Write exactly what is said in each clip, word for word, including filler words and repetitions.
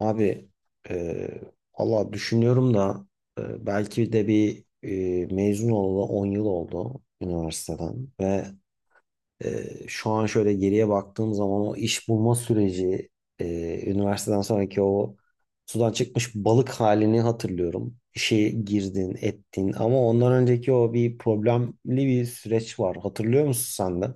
Abi e, valla düşünüyorum da e, belki de bir e, mezun olalı on yıl oldu üniversiteden ve e, şu an şöyle geriye baktığım zaman o iş bulma süreci e, üniversiteden sonraki o sudan çıkmış balık halini hatırlıyorum. İşe girdin ettin ama ondan önceki o bir problemli bir süreç var. Hatırlıyor musun sen de?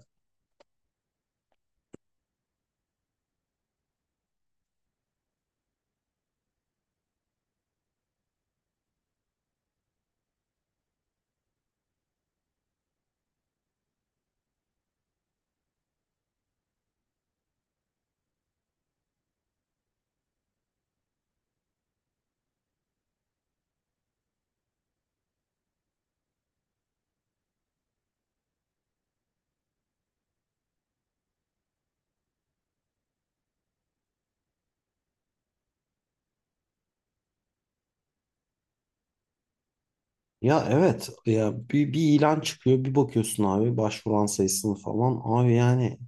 Ya evet ya bir, bir ilan çıkıyor bir bakıyorsun abi başvuran sayısını falan abi yani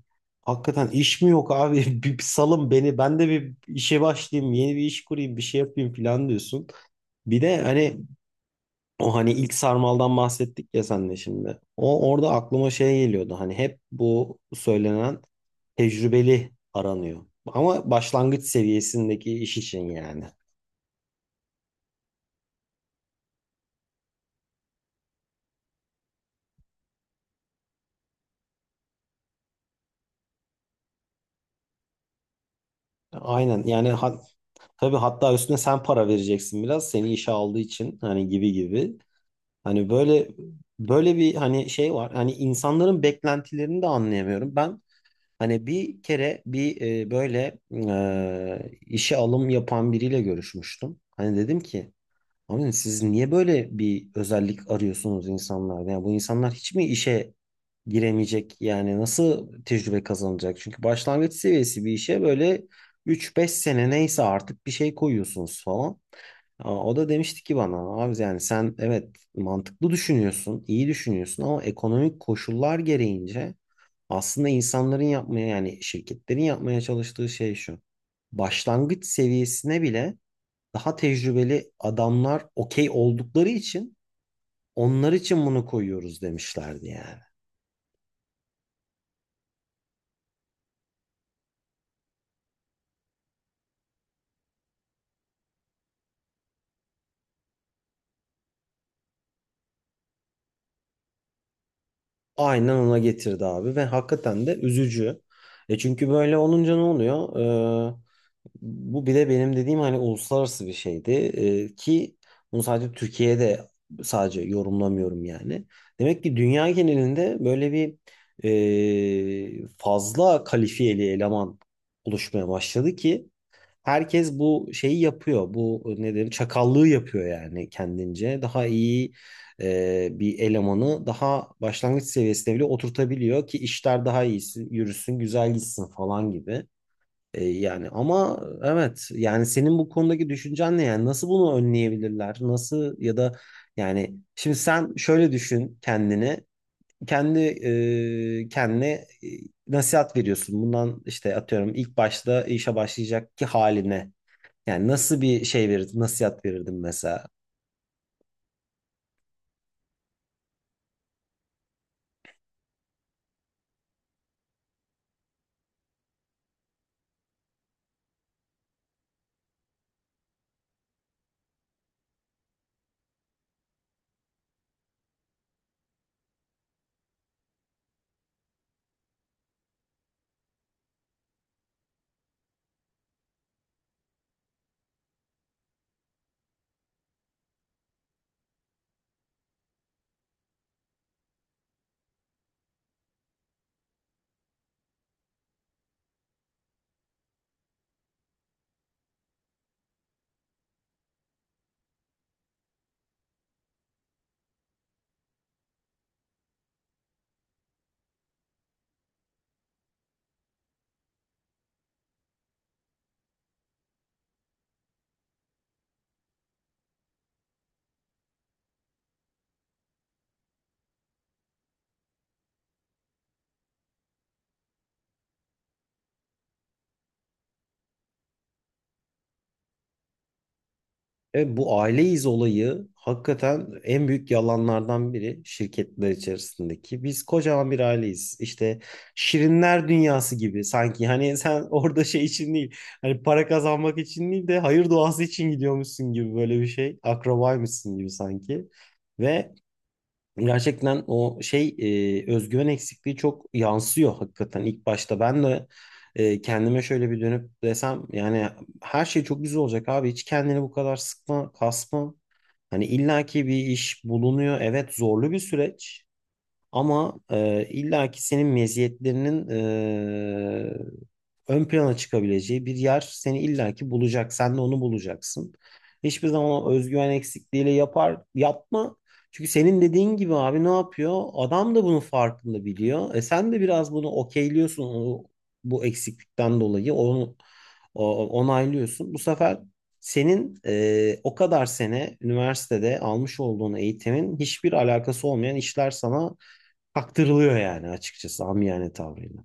hakikaten iş mi yok abi bir, bir salın beni ben de bir işe başlayayım yeni bir iş kurayım bir şey yapayım falan diyorsun. Bir de hani o hani ilk sarmaldan bahsettik ya senle şimdi o orada aklıma şey geliyordu hani hep bu söylenen tecrübeli aranıyor ama başlangıç seviyesindeki iş için yani. Aynen yani ha, tabii hatta üstüne sen para vereceksin biraz seni işe aldığı için hani gibi gibi. Hani böyle böyle bir hani şey var. Hani insanların beklentilerini de anlayamıyorum. Ben hani bir kere bir e, böyle e, işe alım yapan biriyle görüşmüştüm. Hani dedim ki abi siz niye böyle bir özellik arıyorsunuz insanlarda? Yani bu insanlar hiç mi işe giremeyecek? Yani nasıl tecrübe kazanacak? Çünkü başlangıç seviyesi bir işe böyle üç beş sene neyse artık bir şey koyuyorsunuz falan. Aa, o da demişti ki bana abi yani sen evet mantıklı düşünüyorsun, iyi düşünüyorsun ama ekonomik koşullar gereğince aslında insanların yapmaya yani şirketlerin yapmaya çalıştığı şey şu. Başlangıç seviyesine bile daha tecrübeli adamlar okey oldukları için onlar için bunu koyuyoruz demişlerdi yani. Aynen ona getirdi abi ve hakikaten de üzücü. E çünkü böyle olunca ne oluyor? Ee, Bu bir de benim dediğim hani uluslararası bir şeydi. Ee, ki bunu sadece Türkiye'de sadece yorumlamıyorum yani. Demek ki dünya genelinde böyle bir e, fazla kalifiyeli eleman oluşmaya başladı ki herkes bu şeyi yapıyor. Bu ne derim çakallığı yapıyor yani kendince. Daha iyi e, bir elemanı daha başlangıç seviyesine bile oturtabiliyor ki işler daha iyi yürüsün, güzel gitsin falan gibi. E, yani ama evet yani senin bu konudaki düşüncen ne yani nasıl bunu önleyebilirler? Nasıl ya da yani şimdi sen şöyle düşün kendini. Kendi e, kendine e, nasihat veriyorsun. Bundan işte atıyorum ilk başta işe başlayacak ki haline. Yani nasıl bir şey verirdim, nasihat verirdim mesela? Evet, bu aileyiz olayı hakikaten en büyük yalanlardan biri şirketler içerisindeki. Biz kocaman bir aileyiz. İşte şirinler dünyası gibi sanki. Hani sen orada şey için değil, hani para kazanmak için değil de hayır duası için gidiyormuşsun gibi böyle bir şey. Akrabaymışsın gibi sanki. Ve gerçekten o şey e, özgüven eksikliği çok yansıyor hakikaten ilk başta. Ben de e, kendime şöyle bir dönüp desem yani her şey çok güzel olacak abi. Hiç kendini bu kadar sıkma, kasma. Hani illaki bir iş bulunuyor. Evet zorlu bir süreç. Ama e, illaki senin meziyetlerinin e, ön plana çıkabileceği bir yer seni illaki bulacak. Sen de onu bulacaksın. Hiçbir zaman o özgüven eksikliğiyle yapar yapma. Çünkü senin dediğin gibi abi ne yapıyor? Adam da bunun farkında biliyor. E sen de biraz bunu okeyliyorsun onu, bu eksiklikten dolayı onu o- onaylıyorsun. Bu sefer senin e, o kadar sene üniversitede almış olduğun eğitimin hiçbir alakası olmayan işler sana kaktırılıyor yani açıkçası amiyane tavrıyla.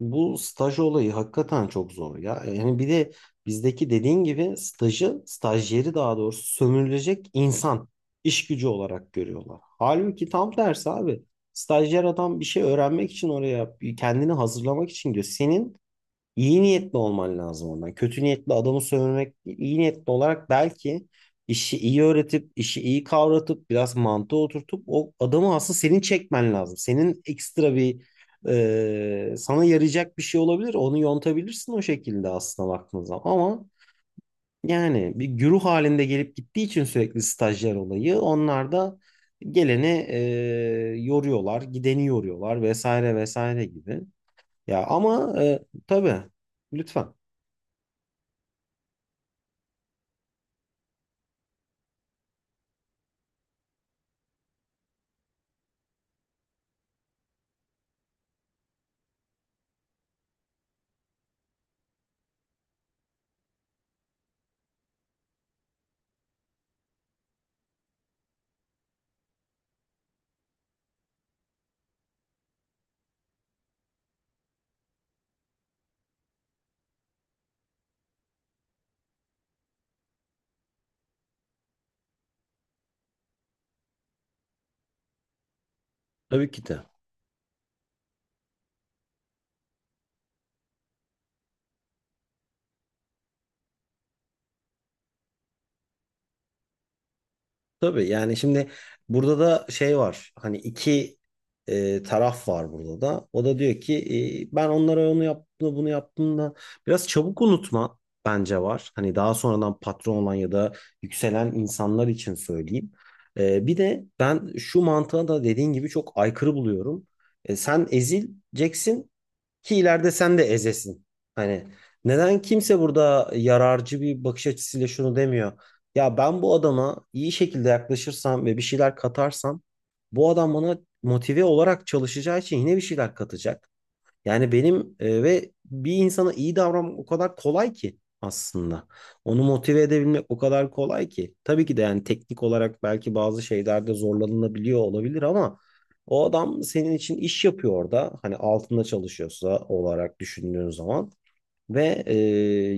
Bu staj olayı hakikaten çok zor ya. Yani bir de bizdeki dediğin gibi stajı, stajyeri daha doğrusu sömürülecek insan, iş gücü olarak görüyorlar. Halbuki tam tersi abi. Stajyer adam bir şey öğrenmek için oraya, kendini hazırlamak için diyor. Senin İyi niyetli olman lazım ondan. Kötü niyetli adamı sövmek değil. İyi niyetli olarak belki işi iyi öğretip, işi iyi kavratıp, biraz mantığı oturtup o adamı aslında senin çekmen lazım. Senin ekstra bir e, sana yarayacak bir şey olabilir. Onu yontabilirsin o şekilde aslında baktığın zaman. Ama yani bir güruh halinde gelip gittiği için sürekli stajyer olayı onlar da geleni e, yoruyorlar, gideni yoruyorlar vesaire vesaire gibi. Ya ama e, tabii lütfen. Tabii ki de. Tabii yani şimdi burada da şey var. Hani iki e, taraf var burada da. O da diyor ki e, ben onlara onu yaptım da bunu yaptım da biraz çabuk unutma bence var. Hani daha sonradan patron olan ya da yükselen insanlar için söyleyeyim. E, bir de ben şu mantığa da dediğin gibi çok aykırı buluyorum. E, sen ezileceksin ki ileride sen de ezesin. Hani neden kimse burada yararcı bir bakış açısıyla şunu demiyor. Ya ben bu adama iyi şekilde yaklaşırsam ve bir şeyler katarsam bu adam bana motive olarak çalışacağı için yine bir şeyler katacak. Yani benim e, ve bir insana iyi davranmak o kadar kolay ki aslında. Onu motive edebilmek o kadar kolay ki. Tabii ki de yani teknik olarak belki bazı şeylerde zorlanılabiliyor olabilir ama o adam senin için iş yapıyor orada. Hani altında çalışıyorsa olarak düşündüğün zaman. Ve e,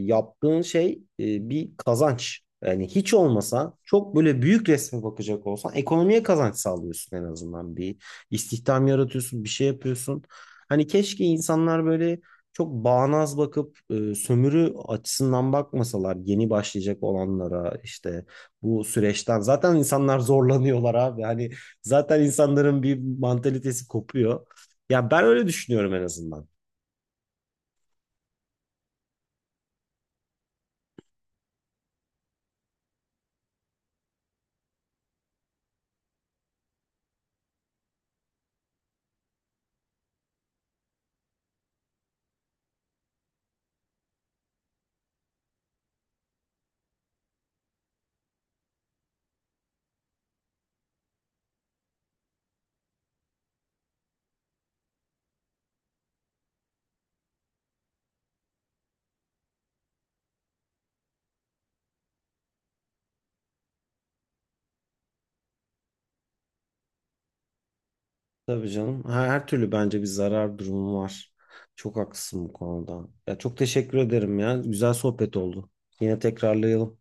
yaptığın şey e, bir kazanç. Yani hiç olmasa çok böyle büyük resme bakacak olsan ekonomiye kazanç sağlıyorsun en azından. Bir istihdam yaratıyorsun, bir şey yapıyorsun. Hani keşke insanlar böyle çok bağnaz bakıp e, sömürü açısından bakmasalar yeni başlayacak olanlara işte bu süreçten. Zaten insanlar zorlanıyorlar abi. Hani zaten insanların bir mantalitesi kopuyor. Ya ben öyle düşünüyorum en azından. Tabii canım. Her, her türlü bence bir zarar durumu var. Çok haklısın bu konuda. Ya çok teşekkür ederim ya. Güzel sohbet oldu. Yine tekrarlayalım.